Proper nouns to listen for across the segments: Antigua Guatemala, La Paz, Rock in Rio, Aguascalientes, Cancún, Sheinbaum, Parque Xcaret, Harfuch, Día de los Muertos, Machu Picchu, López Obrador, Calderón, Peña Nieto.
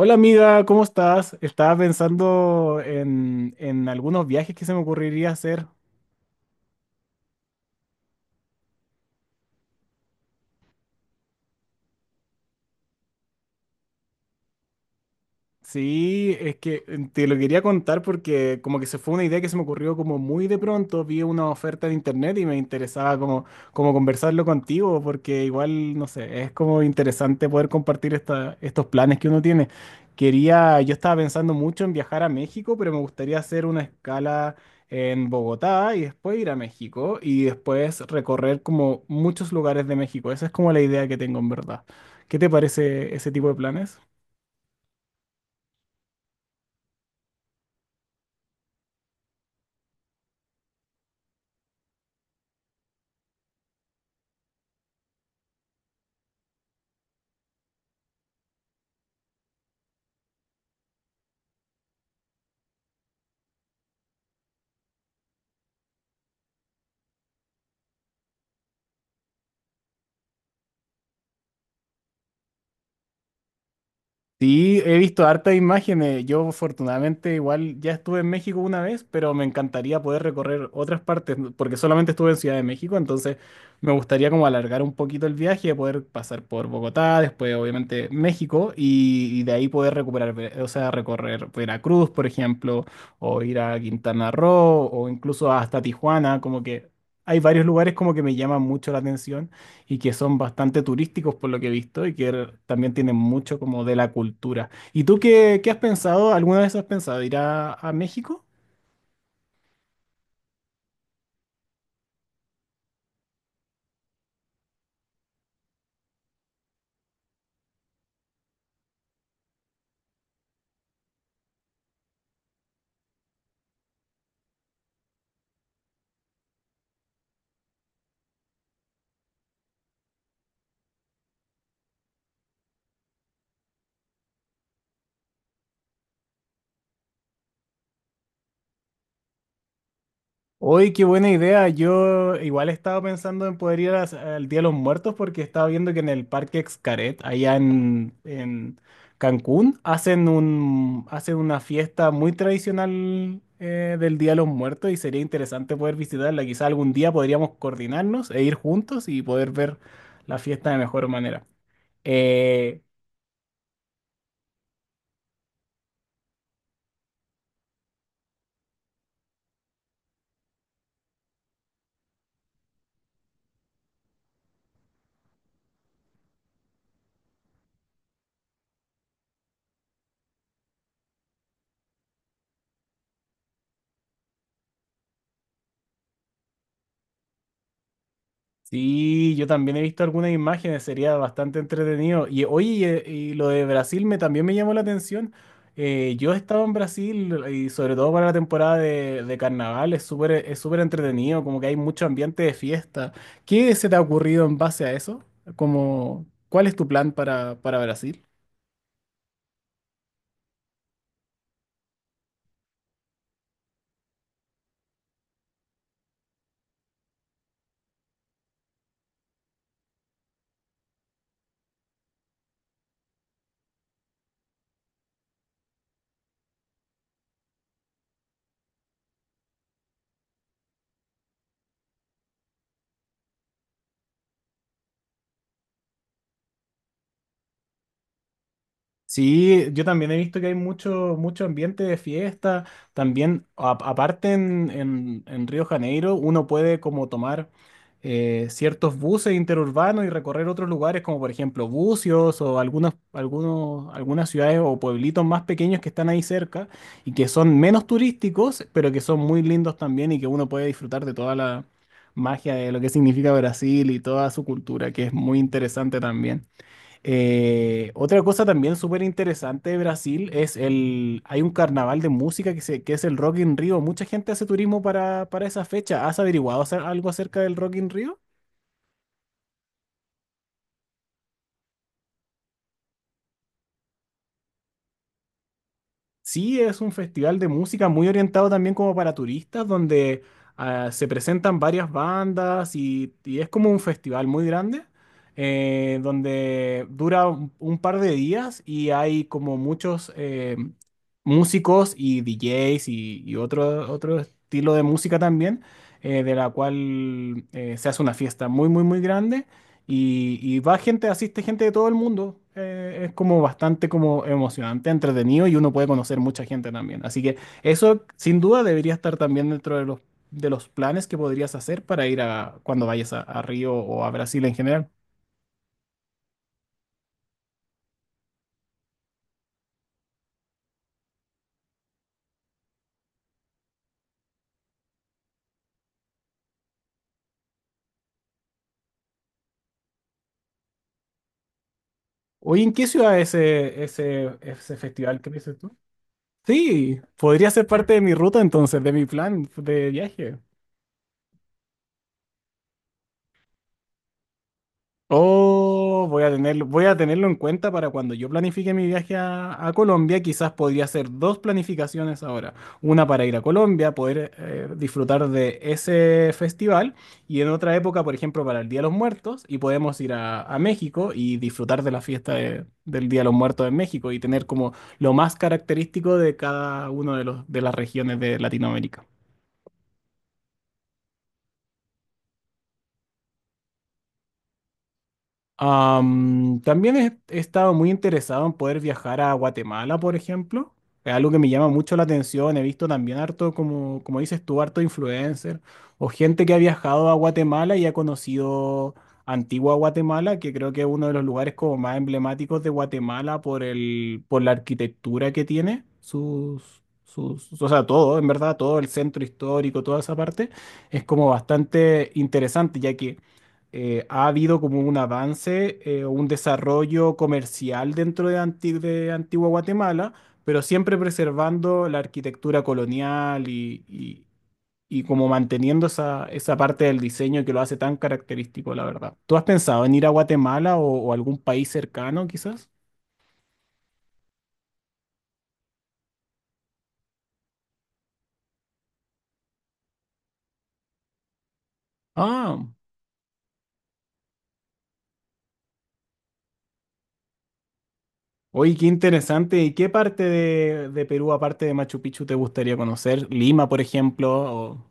Hola amiga, ¿cómo estás? Estaba pensando en algunos viajes que se me ocurriría hacer. Sí, es que te lo quería contar porque como que se fue una idea que se me ocurrió como muy de pronto, vi una oferta de internet y me interesaba como, como conversarlo contigo porque igual, no sé, es como interesante poder compartir esta, estos planes que uno tiene. Quería, yo estaba pensando mucho en viajar a México, pero me gustaría hacer una escala en Bogotá y después ir a México y después recorrer como muchos lugares de México. Esa es como la idea que tengo en verdad. ¿Qué te parece ese tipo de planes? Sí, he visto hartas imágenes. Yo afortunadamente igual ya estuve en México una vez, pero me encantaría poder recorrer otras partes, ¿no? Porque solamente estuve en Ciudad de México, entonces me gustaría como alargar un poquito el viaje, poder pasar por Bogotá, después obviamente México, y de ahí poder recuperar, o sea, recorrer Veracruz, por ejemplo, o ir a Quintana Roo, o incluso hasta Tijuana, como que hay varios lugares como que me llaman mucho la atención y que son bastante turísticos por lo que he visto y que también tienen mucho como de la cultura. ¿Y tú qué, qué has pensado? ¿Alguna vez has pensado ir a México? Hoy, qué buena idea. Yo igual estaba pensando en poder al Día de los Muertos porque estaba viendo que en el Parque Xcaret, allá en Cancún, hacen un, hacen una fiesta muy tradicional del Día de los Muertos y sería interesante poder visitarla. Quizá algún día podríamos coordinarnos e ir juntos y poder ver la fiesta de mejor manera. Eh, Sí, yo también he visto algunas imágenes, sería bastante entretenido. Y oye, y lo de Brasil me, también me llamó la atención. Yo he estado en Brasil y sobre todo para la temporada de carnaval es súper entretenido, como que hay mucho ambiente de fiesta. ¿Qué se te ha ocurrido en base a eso? Como, ¿cuál es tu plan para Brasil? Sí, yo también he visto que hay mucho, mucho ambiente de fiesta. También, aparte en, en Río Janeiro, uno puede como tomar ciertos buses interurbanos y recorrer otros lugares, como por ejemplo Bucios o algunos, algunos, algunas ciudades o pueblitos más pequeños que están ahí cerca y que son menos turísticos, pero que son muy lindos también y que uno puede disfrutar de toda la magia de lo que significa Brasil y toda su cultura, que es muy interesante también. Otra cosa también súper interesante de Brasil es el, hay un carnaval de música que es el Rock in Rio. Mucha gente hace turismo para esa fecha. ¿Has averiguado algo acerca del Rock in Rio? Sí, es un festival de música muy orientado también como para turistas, donde se presentan varias bandas y es como un festival muy grande, donde dura un par de días y hay como muchos músicos y DJs y otro, otro estilo de música también, de la cual se hace una fiesta muy, muy, muy grande y va gente, asiste gente de todo el mundo. Es como bastante como emocionante, entretenido y uno puede conocer mucha gente también. Así que eso sin duda debería estar también dentro de los planes que podrías hacer para ir a cuando vayas a Río o a Brasil en general. Oye, ¿en qué ciudad es ese, ese, ese festival que dices tú? Sí, podría ser parte de mi ruta entonces, de mi plan de viaje. Oh, voy a tenerlo en cuenta para cuando yo planifique mi viaje a Colombia. Quizás podría hacer dos planificaciones ahora. Una para ir a Colombia, poder disfrutar de ese festival. Y en otra época, por ejemplo, para el Día de los Muertos. Y podemos ir a México y disfrutar de la fiesta del Día de los Muertos en México y tener como lo más característico de cada uno de los, de las regiones de Latinoamérica. Am, también he, he estado muy interesado en poder viajar a Guatemala, por ejemplo. Es algo que me llama mucho la atención. He visto también harto, como, como dices tú, harto influencer o gente que ha viajado a Guatemala y ha conocido Antigua Guatemala, que creo que es uno de los lugares como más emblemáticos de Guatemala por el, por la arquitectura que tiene, sus, sus, o sea, todo, en verdad, todo el centro histórico, toda esa parte, es como bastante interesante, ya que ha habido como un avance o un desarrollo comercial dentro de, de Antigua Guatemala, pero siempre preservando la arquitectura colonial y como manteniendo esa, esa parte del diseño que lo hace tan característico, la verdad. ¿Tú has pensado en ir a Guatemala o algún país cercano, quizás? Ah, oye, qué interesante. ¿Y qué parte de Perú, aparte de Machu Picchu, te gustaría conocer? Lima, por ejemplo. O-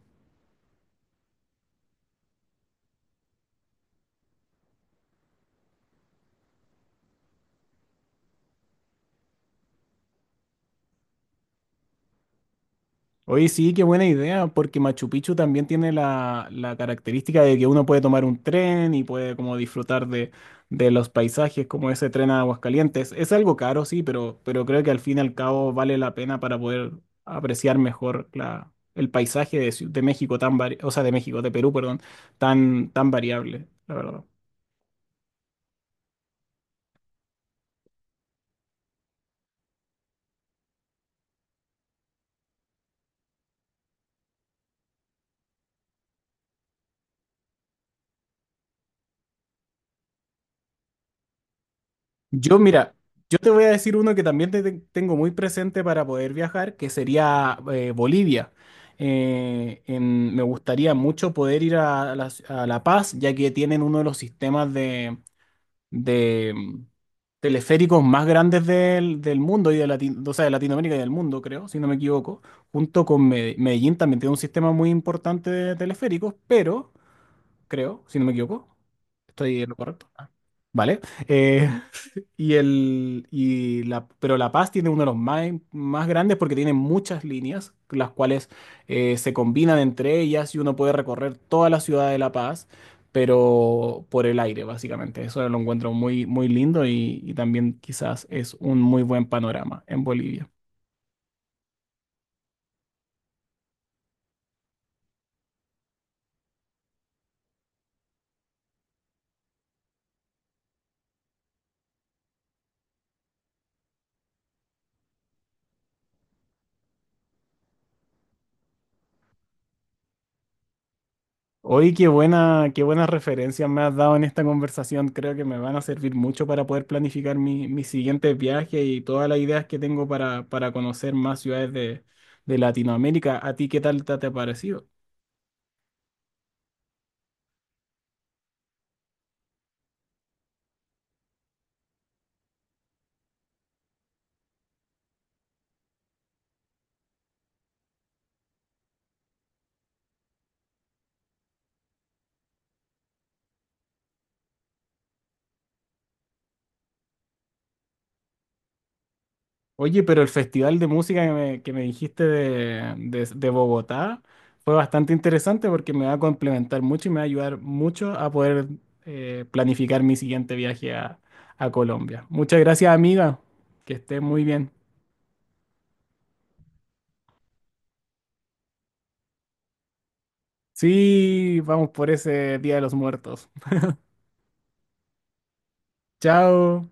Oye, sí, qué buena idea, porque Machu Picchu también tiene la, la característica de que uno puede tomar un tren y puede como disfrutar de los paisajes, como ese tren a Aguascalientes. Es algo caro, sí, pero creo que al fin y al cabo vale la pena para poder apreciar mejor la, el paisaje de, de México tan o sea, de México, de Perú, perdón, tan, tan variable, la verdad. Yo, mira, yo te voy a decir uno que también tengo muy presente para poder viajar, que sería Bolivia. Me gustaría mucho poder ir a La Paz, ya que tienen uno de los sistemas de, de, mm, teleféricos más grandes del mundo y de, o sea, de Latinoamérica y del mundo, creo, si no me equivoco. Junto con Medellín también tiene un sistema muy importante de teleféricos, pero creo, si no me equivoco. Estoy en lo correcto. Ah, vale. Eh, y el, y la, pero La Paz tiene uno de los más, más grandes porque tiene muchas líneas, las cuales se combinan entre ellas y uno puede recorrer toda la ciudad de La Paz, pero por el aire, básicamente. Eso lo encuentro muy, muy lindo y también quizás es un muy buen panorama en Bolivia. Oye, qué buena, qué buenas referencias me has dado en esta conversación. Creo que me van a servir mucho para poder planificar mi, mis siguientes viajes y todas las ideas que tengo para conocer más ciudades de Latinoamérica. ¿A ti qué tal te, te ha parecido? Oye, pero el festival de música que me dijiste de, de Bogotá fue bastante interesante porque me va a complementar mucho y me va a ayudar mucho a poder planificar mi siguiente viaje a Colombia. Muchas gracias, amiga. Que estés muy bien. Sí, vamos por ese Día de los Muertos. Chao.